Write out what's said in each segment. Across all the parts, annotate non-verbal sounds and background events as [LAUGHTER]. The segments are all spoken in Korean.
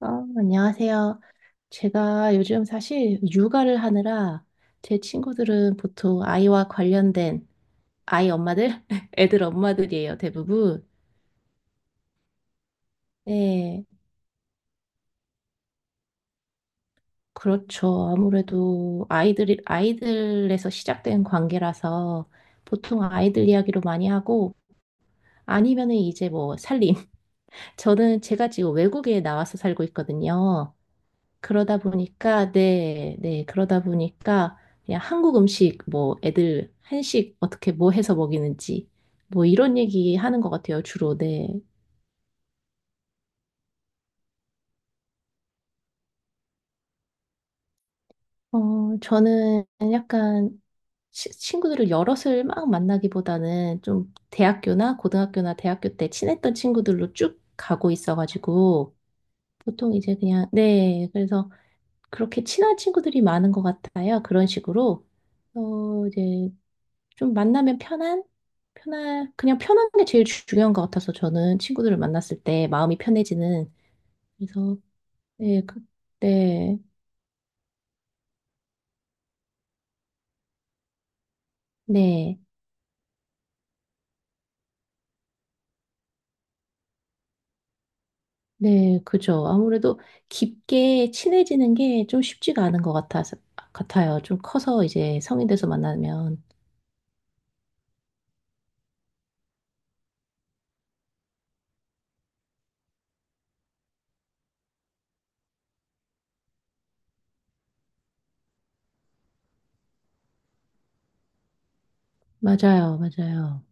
어, 안녕하세요. 제가 요즘 사실 육아를 하느라 제 친구들은 보통 아이와 관련된 아이 엄마들, [LAUGHS] 애들 엄마들이에요, 대부분. 네, 그렇죠. 아무래도 아이들에서 시작된 관계라서 보통 아이들 이야기로 많이 하고 아니면은 이제 뭐 살림. [LAUGHS] 저는 제가 지금 외국에 나와서 살고 있거든요. 네, 네, 그러다 보니까, 그냥 한국 음식, 뭐, 애들, 한식, 어떻게, 뭐 해서 먹이는지, 뭐, 이런 얘기 하는 것 같아요, 주로, 네. 저는 약간, 친구들을 여럿을 막 만나기보다는 좀 대학교나 고등학교나 대학교 때 친했던 친구들로 쭉 가고 있어가지고, 보통 이제 그냥, 네, 그래서 그렇게 친한 친구들이 많은 것 같아요, 그런 식으로. 이제 좀 만나면 편한? 그냥 편한 게 제일 중요한 것 같아서 저는 친구들을 만났을 때 마음이 편해지는. 그래서, 네, 그, 네, 네, 네, 그죠. 아무래도 깊게 친해지는 게 좀 쉽지가 않은 것 같아요. 좀 커서 이제 성인 돼서 만나면. 맞아요, 맞아요.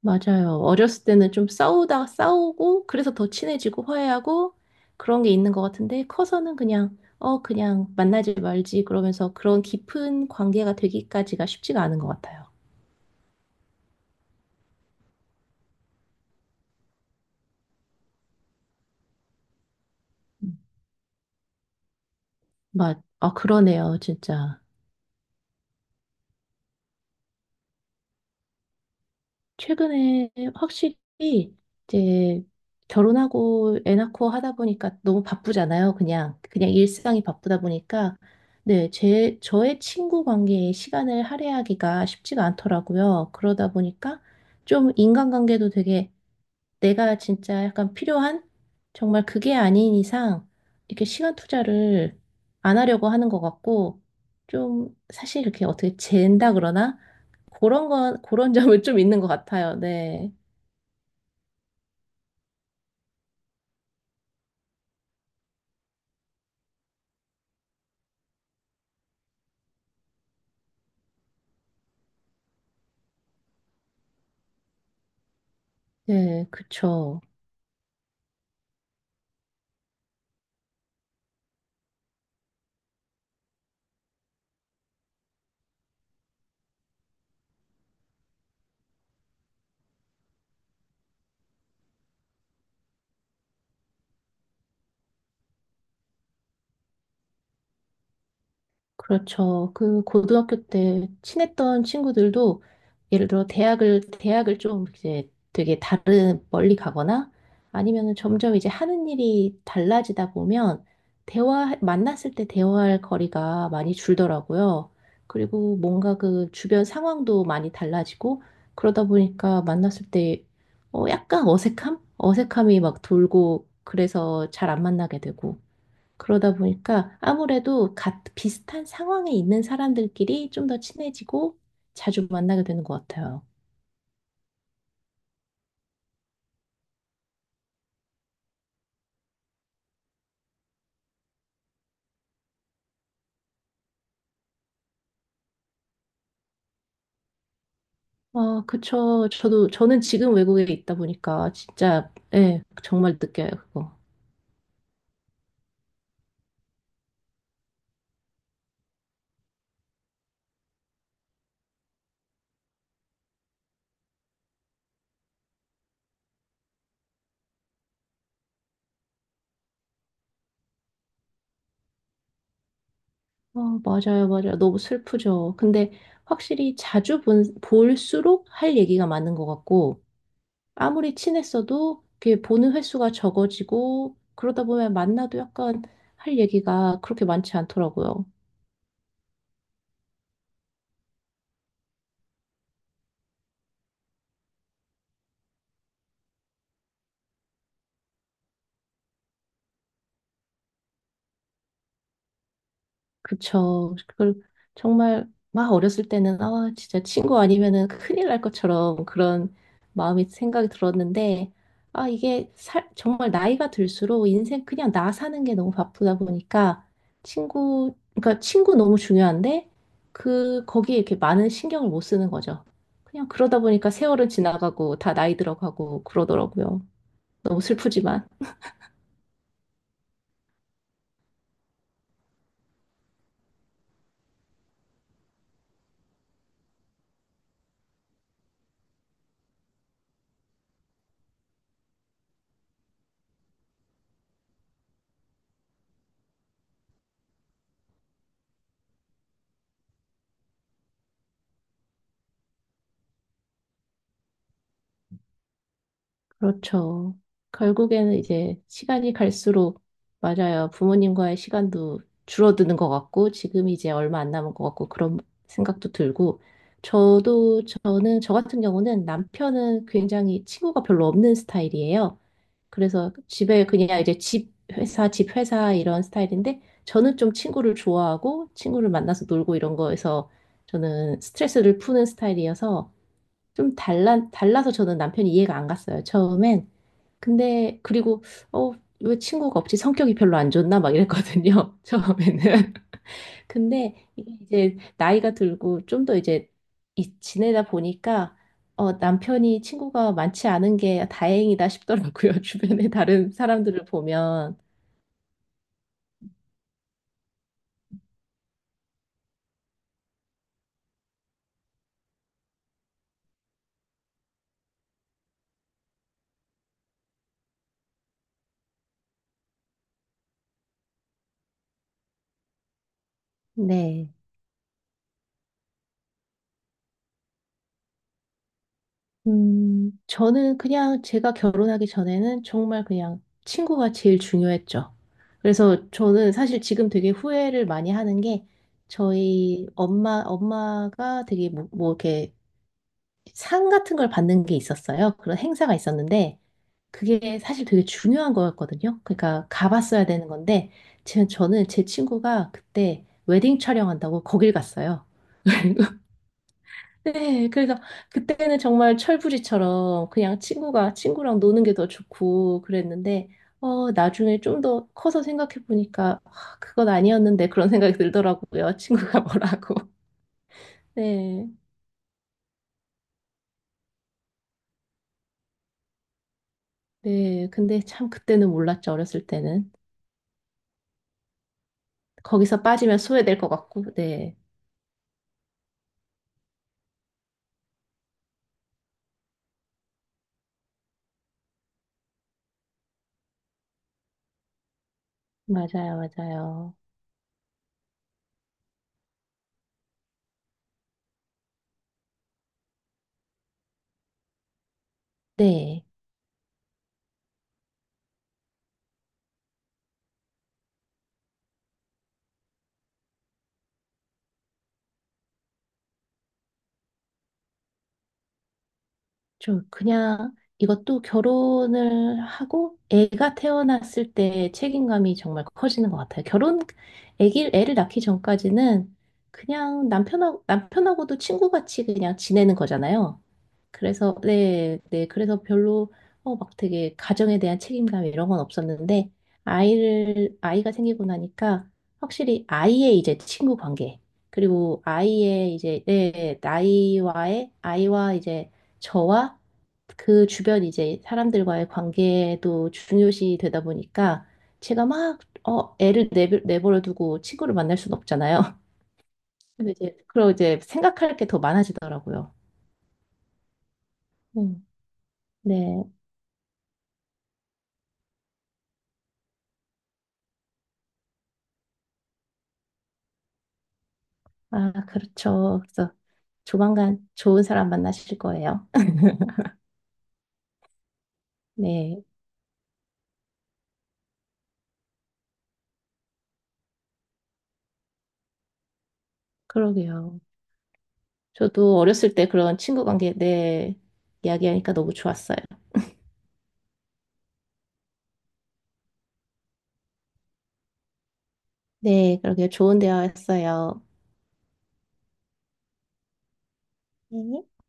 맞아요. 어렸을 때는 좀 싸우다 싸우고 그래서 더 친해지고 화해하고 그런 게 있는 것 같은데 커서는 그냥 그냥 만나지 말지 그러면서 그런 깊은 관계가 되기까지가 쉽지가 않은 것 같아요. 음. 맞. 아 그러네요, 진짜. 최근에 확실히 이제 결혼하고 애 낳고 하다 보니까 너무 바쁘잖아요. 그냥 일상이 바쁘다 보니까, 네, 제 저의 친구 관계에 시간을 할애하기가 쉽지가 않더라고요. 그러다 보니까 좀 인간관계도 되게 내가 진짜 약간 필요한 정말 그게 아닌 이상 이렇게 시간 투자를 안 하려고 하는 것 같고 좀 사실 이렇게 어떻게 잰다 그러나 그런 [LAUGHS] 점은 좀 있는 것 같아요. 네, 네, 그쵸. 그렇죠. 그 고등학교 때 친했던 친구들도 예를 들어 대학을 좀 이제 되게 다른 멀리 가거나 아니면은 점점 이제 하는 일이 달라지다 보면 대화 만났을 때 대화할 거리가 많이 줄더라고요. 그리고 뭔가 그 주변 상황도 많이 달라지고 그러다 보니까 만났을 때, 약간 어색함? 어색함이 막 돌고 그래서 잘 안 만나게 되고 그러다 보니까 아무래도 비슷한 상황에 있는 사람들끼리 좀 더 친해지고 자주 만나게 되는 것 같아요. 아, 그쵸. 저는 지금 외국에 있다 보니까 진짜, 예, 정말 느껴요, 그거. 아, 맞아요, 맞아요. 너무 슬프죠. 근데 확실히 자주 볼수록 할 얘기가 많은 것 같고, 아무리 친했어도 그게 보는 횟수가 적어지고, 그러다 보면 만나도 약간 할 얘기가 그렇게 많지 않더라고요. 그쵸. 그걸 정말 막 어렸을 때는 아 진짜 친구 아니면은 큰일 날 것처럼 그런 마음이 생각이 들었는데 아 이게 정말 나이가 들수록 인생 그냥 나 사는 게 너무 바쁘다 보니까 친구 그러니까 친구 너무 중요한데 그 거기에 이렇게 많은 신경을 못 쓰는 거죠. 그냥 그러다 보니까 세월은 지나가고 다 나이 들어가고 그러더라고요. 너무 슬프지만. 그렇죠. 결국에는 이제 시간이 갈수록, 맞아요, 부모님과의 시간도 줄어드는 것 같고 지금 이제 얼마 안 남은 것 같고 그런 생각도 들고. 저도 저는 저 같은 경우는 남편은 굉장히 친구가 별로 없는 스타일이에요. 그래서 집에 그냥 이제 집 회사 집 회사 이런 스타일인데 저는 좀 친구를 좋아하고 친구를 만나서 놀고 이런 거에서 저는 스트레스를 푸는 스타일이어서 좀 달라서 저는 남편이 이해가 안 갔어요, 처음엔. 근데 그리고 어, 왜 친구가 없지? 성격이 별로 안 좋나? 막 이랬거든요. [LAUGHS] 처음에는. 근데 이게 이제 나이가 들고 좀 더 이제 지내다 보니까, 남편이 친구가 많지 않은 게 다행이다 싶더라고요. [LAUGHS] 주변에 다른 사람들을 보면. 네. 저는 그냥 제가 결혼하기 전에는 정말 그냥 친구가 제일 중요했죠. 그래서 저는 사실 지금 되게 후회를 많이 하는 게, 저희 엄마가 되게 뭐 이렇게 상 같은 걸 받는 게 있었어요. 그런 행사가 있었는데 그게 사실 되게 중요한 거였거든요. 그러니까 가봤어야 되는 건데 제 친구가 그때 웨딩 촬영한다고 거길 갔어요. [LAUGHS] 네, 그래서 그때는 정말 철부지처럼 그냥 친구가 친구랑 노는 게 더 좋고 그랬는데, 나중에 좀 더 커서 생각해 보니까 아, 그건 아니었는데 그런 생각이 들더라고요. 친구가 뭐라고. [LAUGHS] 네, 네. 근데 참 그때는 몰랐죠. 어렸을 때는. 거기서 빠지면 소외될 것 같고. 네, 맞아요, 맞아요. 네. 저 그냥 이것도 결혼을 하고 애가 태어났을 때 책임감이 정말 커지는 것 같아요. 애를 낳기 전까지는 그냥 남편하고도 친구같이 그냥 지내는 거잖아요. 그래서 네, 네. 그래서 별로 막 되게 가정에 대한 책임감 이런 건 없었는데 아이를 아이가 생기고 나니까 확실히 아이의 이제 친구 관계 그리고 아이의 이제, 네, 나이와의 아이와 이제 저와 그 주변 이제 사람들과의 관계도 중요시 되다 보니까 제가 막 애를 내버려 두고 친구를 만날 순 없잖아요. [LAUGHS] 근데 이제 그리고 이제 생각할 게 더 많아지더라고요. 음, 네. 아, 그렇죠. 그래서 조만간 좋은 사람 만나실 거예요. [LAUGHS] 네, 그러게요. 저도 어렸을 때 그런 친구 관계, 네, 이야기하니까 너무 좋았어요. 네, 그러게요. 좋은 대화였어요. 네.